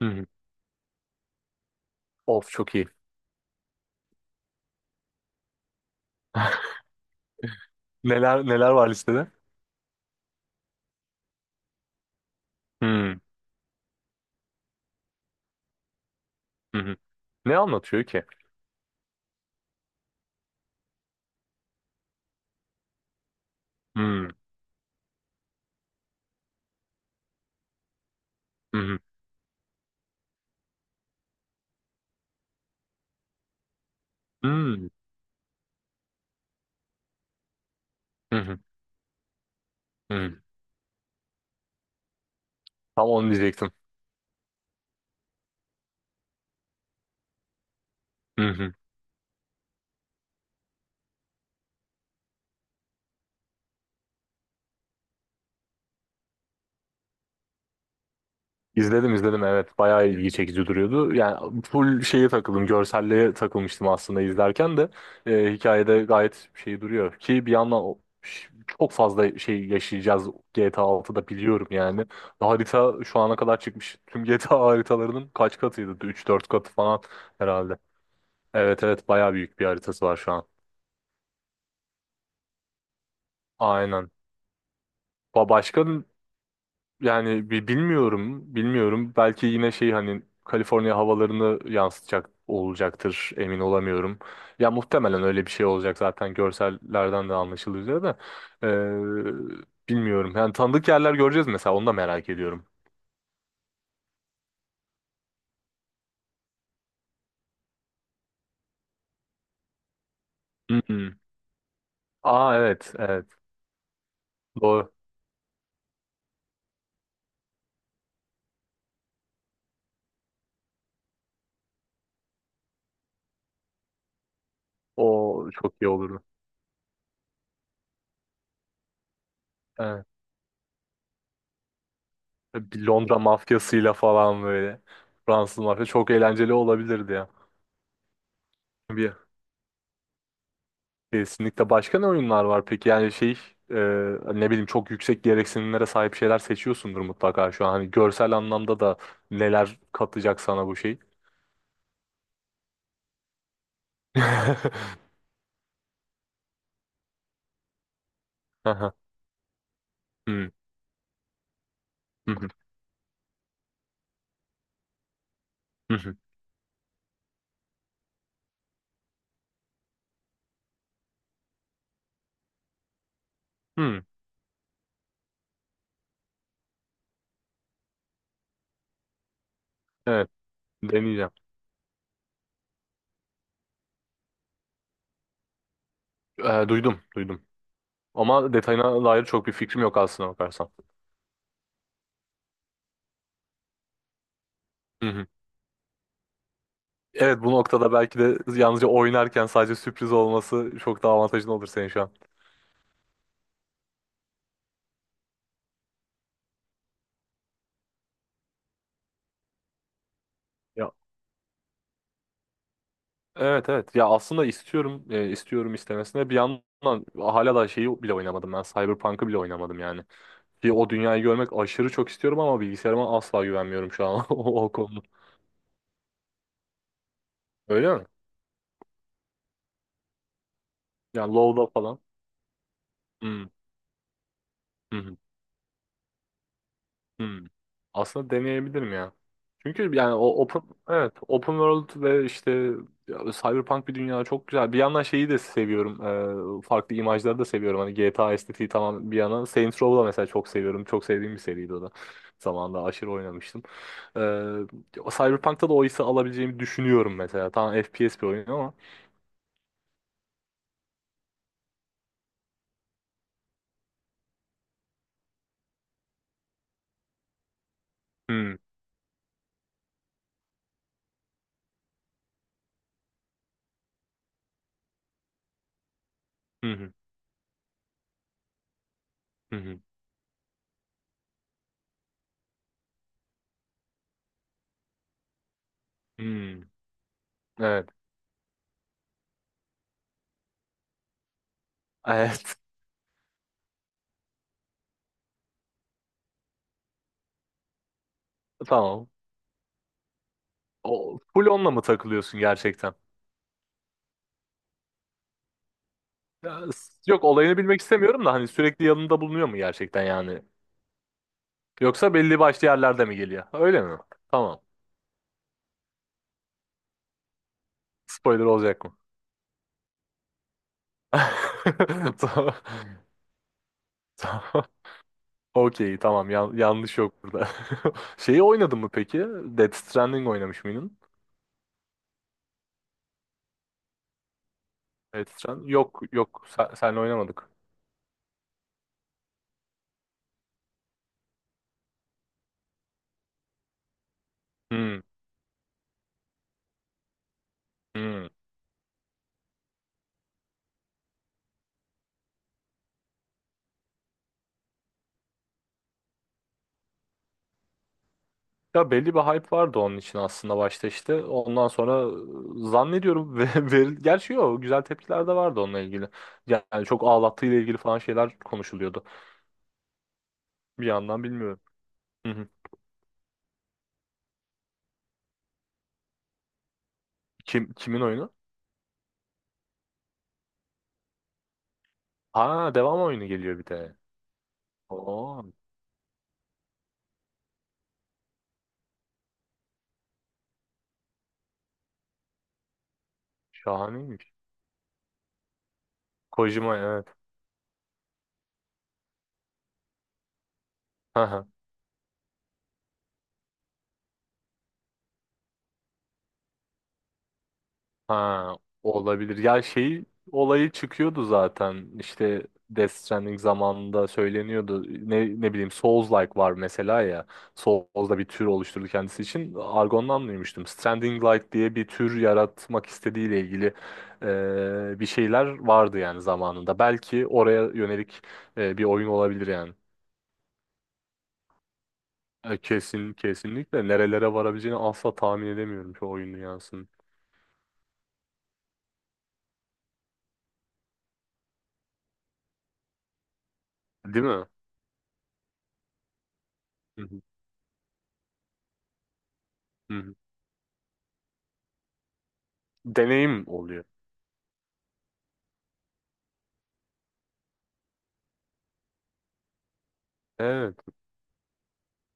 Hı. Hı. Of çok iyi. Neler neler var listede? Hı. Hı hı. Ne anlatıyor ki? Hı. Hı hı. Hı. Hı hı. Hı. Tam onu diyecektim. Hı hı. İzledim, izledim, evet, bayağı ilgi çekici duruyordu. Yani full şeye takıldım, görselliğe takılmıştım aslında izlerken de hikayede gayet şey duruyor. Ki bir yandan çok fazla şey yaşayacağız GTA 6'da, biliyorum yani. Harita şu ana kadar çıkmış tüm GTA haritalarının kaç katıydı? Üç dört katı falan herhalde. Evet, evet, bayağı büyük bir haritası var şu an. Aynen. Başka yani bilmiyorum, bilmiyorum. Belki yine şey, hani Kaliforniya havalarını yansıtacak olacaktır, emin olamıyorum. Ya muhtemelen öyle bir şey olacak zaten, görsellerden de anlaşılıyor üzere de. Bilmiyorum. Yani tanıdık yerler göreceğiz mesela, onu da merak ediyorum. Hı hı. Aa, evet, evet. Doğru. O çok iyi olurdu. Evet. Bir Londra mafyasıyla falan, böyle. Fransız mafya çok eğlenceli olabilirdi ya. Bir Kesinlikle. Başka ne oyunlar var peki, yani şey, e, ne bileyim, çok yüksek gereksinimlere sahip şeyler seçiyorsundur mutlaka şu an, hani görsel anlamda da neler katacak sana bu şey. Aha. Hmm, hı hı, hı hı, hmm. Evet, deneyeceğim. E, Duydum, duydum ama detayına dair çok bir fikrim yok aslına bakarsan. Hı hı. Evet, bu noktada belki de yalnızca oynarken sadece sürpriz olması çok daha avantajlı olur senin şu an. Evet, evet. Ya, aslında istiyorum, istiyorum istemesine, bir yandan hala da şeyi bile oynamadım ben. Cyberpunk'ı bile oynamadım yani. Ki o dünyayı görmek aşırı çok istiyorum ama bilgisayarıma asla güvenmiyorum şu an o konuda. Öyle mi? Yani LoL'da falan. Hmm. Hı hı. Hmm. Aslında deneyebilirim ya. Çünkü yani o open, evet, open world ve işte, ya, cyberpunk bir dünya çok güzel. Bir yandan şeyi de seviyorum, farklı imajları da seviyorum. Hani GTA estetiği tamam, bir yana. Saints Row'u da mesela çok seviyorum. Çok sevdiğim bir seriydi o da. Zamanında aşırı oynamıştım. E, Cyberpunk'ta da o hissi alabileceğimi düşünüyorum mesela. Tamam, FPS bir oyun ama. Hmm. Hı hı. Hı hı. Hmm. Evet. Evet. Tamam. O, full onunla mı takılıyorsun gerçekten? Ya, yok, olayını bilmek istemiyorum da hani sürekli yanında bulunuyor mu gerçekten yani? Yoksa belli başlı yerlerde mi geliyor? Öyle mi? Tamam. Spoiler olacak mı? Tamam. Tamam. Okey, tamam. Yanlış yok burada. Şeyi oynadın mı peki? Death Stranding oynamış mıydın? Yok, yok, senle oynamadık. Hmm, hmm. Ya, belli bir hype vardı onun için aslında başta işte. Ondan sonra zannediyorum ve veril, gerçi yok, güzel tepkiler de vardı onunla ilgili. Yani çok ağlattığıyla ilgili falan şeyler konuşuluyordu. Bir yandan bilmiyorum. Hı hı. Kim kimin oyunu? Ha, devam oyunu geliyor bir de. Oo, şahaneymiş. Kojima, evet. Ha, olabilir. Ya, şey olayı çıkıyordu zaten. İşte Death Stranding zamanında söyleniyordu. Ne bileyim, Souls-like var mesela ya. Souls'da bir tür oluşturdu kendisi için. Argon'dan duymuştum. Stranding-like diye bir tür yaratmak istediğiyle ilgili bir şeyler vardı yani zamanında. Belki oraya yönelik bir oyun olabilir yani. Kesin, kesinlikle nerelere varabileceğini asla tahmin edemiyorum şu oyun dünyasının. Değil mi? Hı hı. Hı hı. Deneyim oluyor. Evet.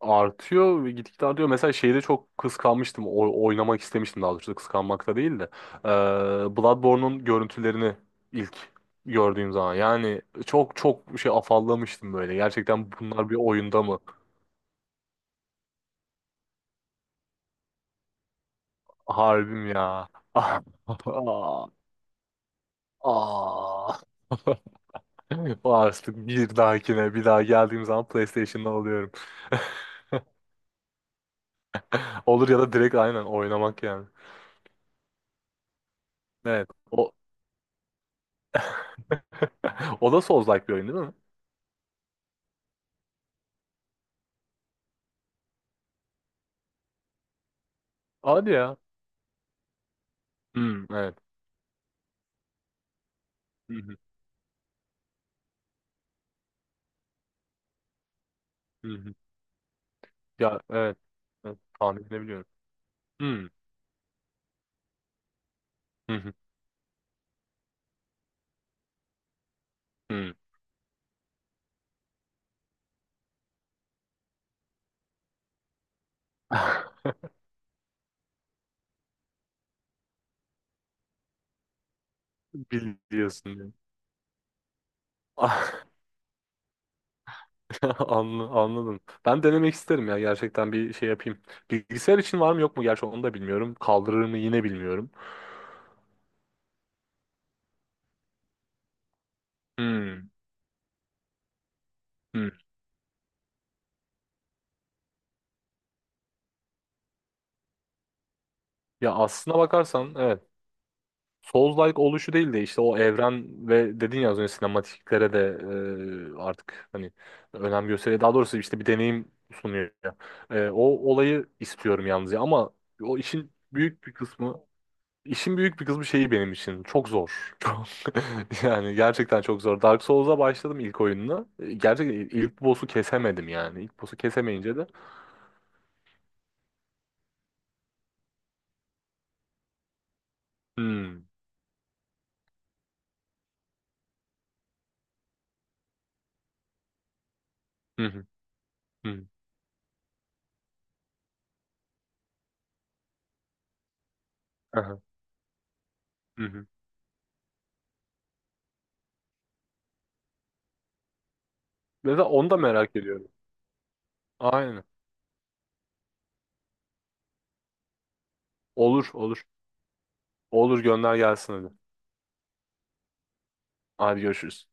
Artıyor ve gitgide artıyor. Mesela şeyde çok kıskanmıştım. O, oynamak istemiştim daha doğrusu. Kıskanmakta değil de. Bloodborne'un görüntülerini ilk gördüğüm zaman. Yani çok çok şey afallamıştım böyle. Gerçekten bunlar bir oyunda mı? Harbim ya. Ah. Ah. Ah. Artık bir dahakine, bir daha geldiğim zaman PlayStation'da alıyorum. Olur, ya da direkt aynen oynamak yani. Evet. O, o da Souls-like bir oyun değil mi? Hadi ya. Hmm, evet. Hı hı, hı hı. Ya, evet. Evet, tahmin edebiliyorum. Hmm, hı hı, hı. Biliyorsun yani. Ah, Anladım. Ben denemek isterim ya, gerçekten bir şey yapayım. Bilgisayar için var mı yok mu? Gerçi onu da bilmiyorum. Kaldırır mı yine bilmiyorum. Hmm, hmm. Ya, aslına bakarsan evet. Souls-like oluşu değil de işte o evren ve dedin ya az önce, sinematiklere de artık hani önem gösteriyor. Daha doğrusu işte bir deneyim sunuyor ya. O olayı istiyorum yalnız ya, ama o işin büyük bir kısmı, işin büyük bir kısmı şeyi benim için çok zor. Çok, yani gerçekten çok zor. Dark Souls'a başladım, ilk oyununa. Gerçekten ilk boss'u kesemedim yani. İlk boss'u kesemeyince de hmm, hı hı, hı, aha, hı hı. Mesela onu da merak ediyorum. Aynen. Olur, olur. Olur, gönder gelsin hadi. Hadi, görüşürüz.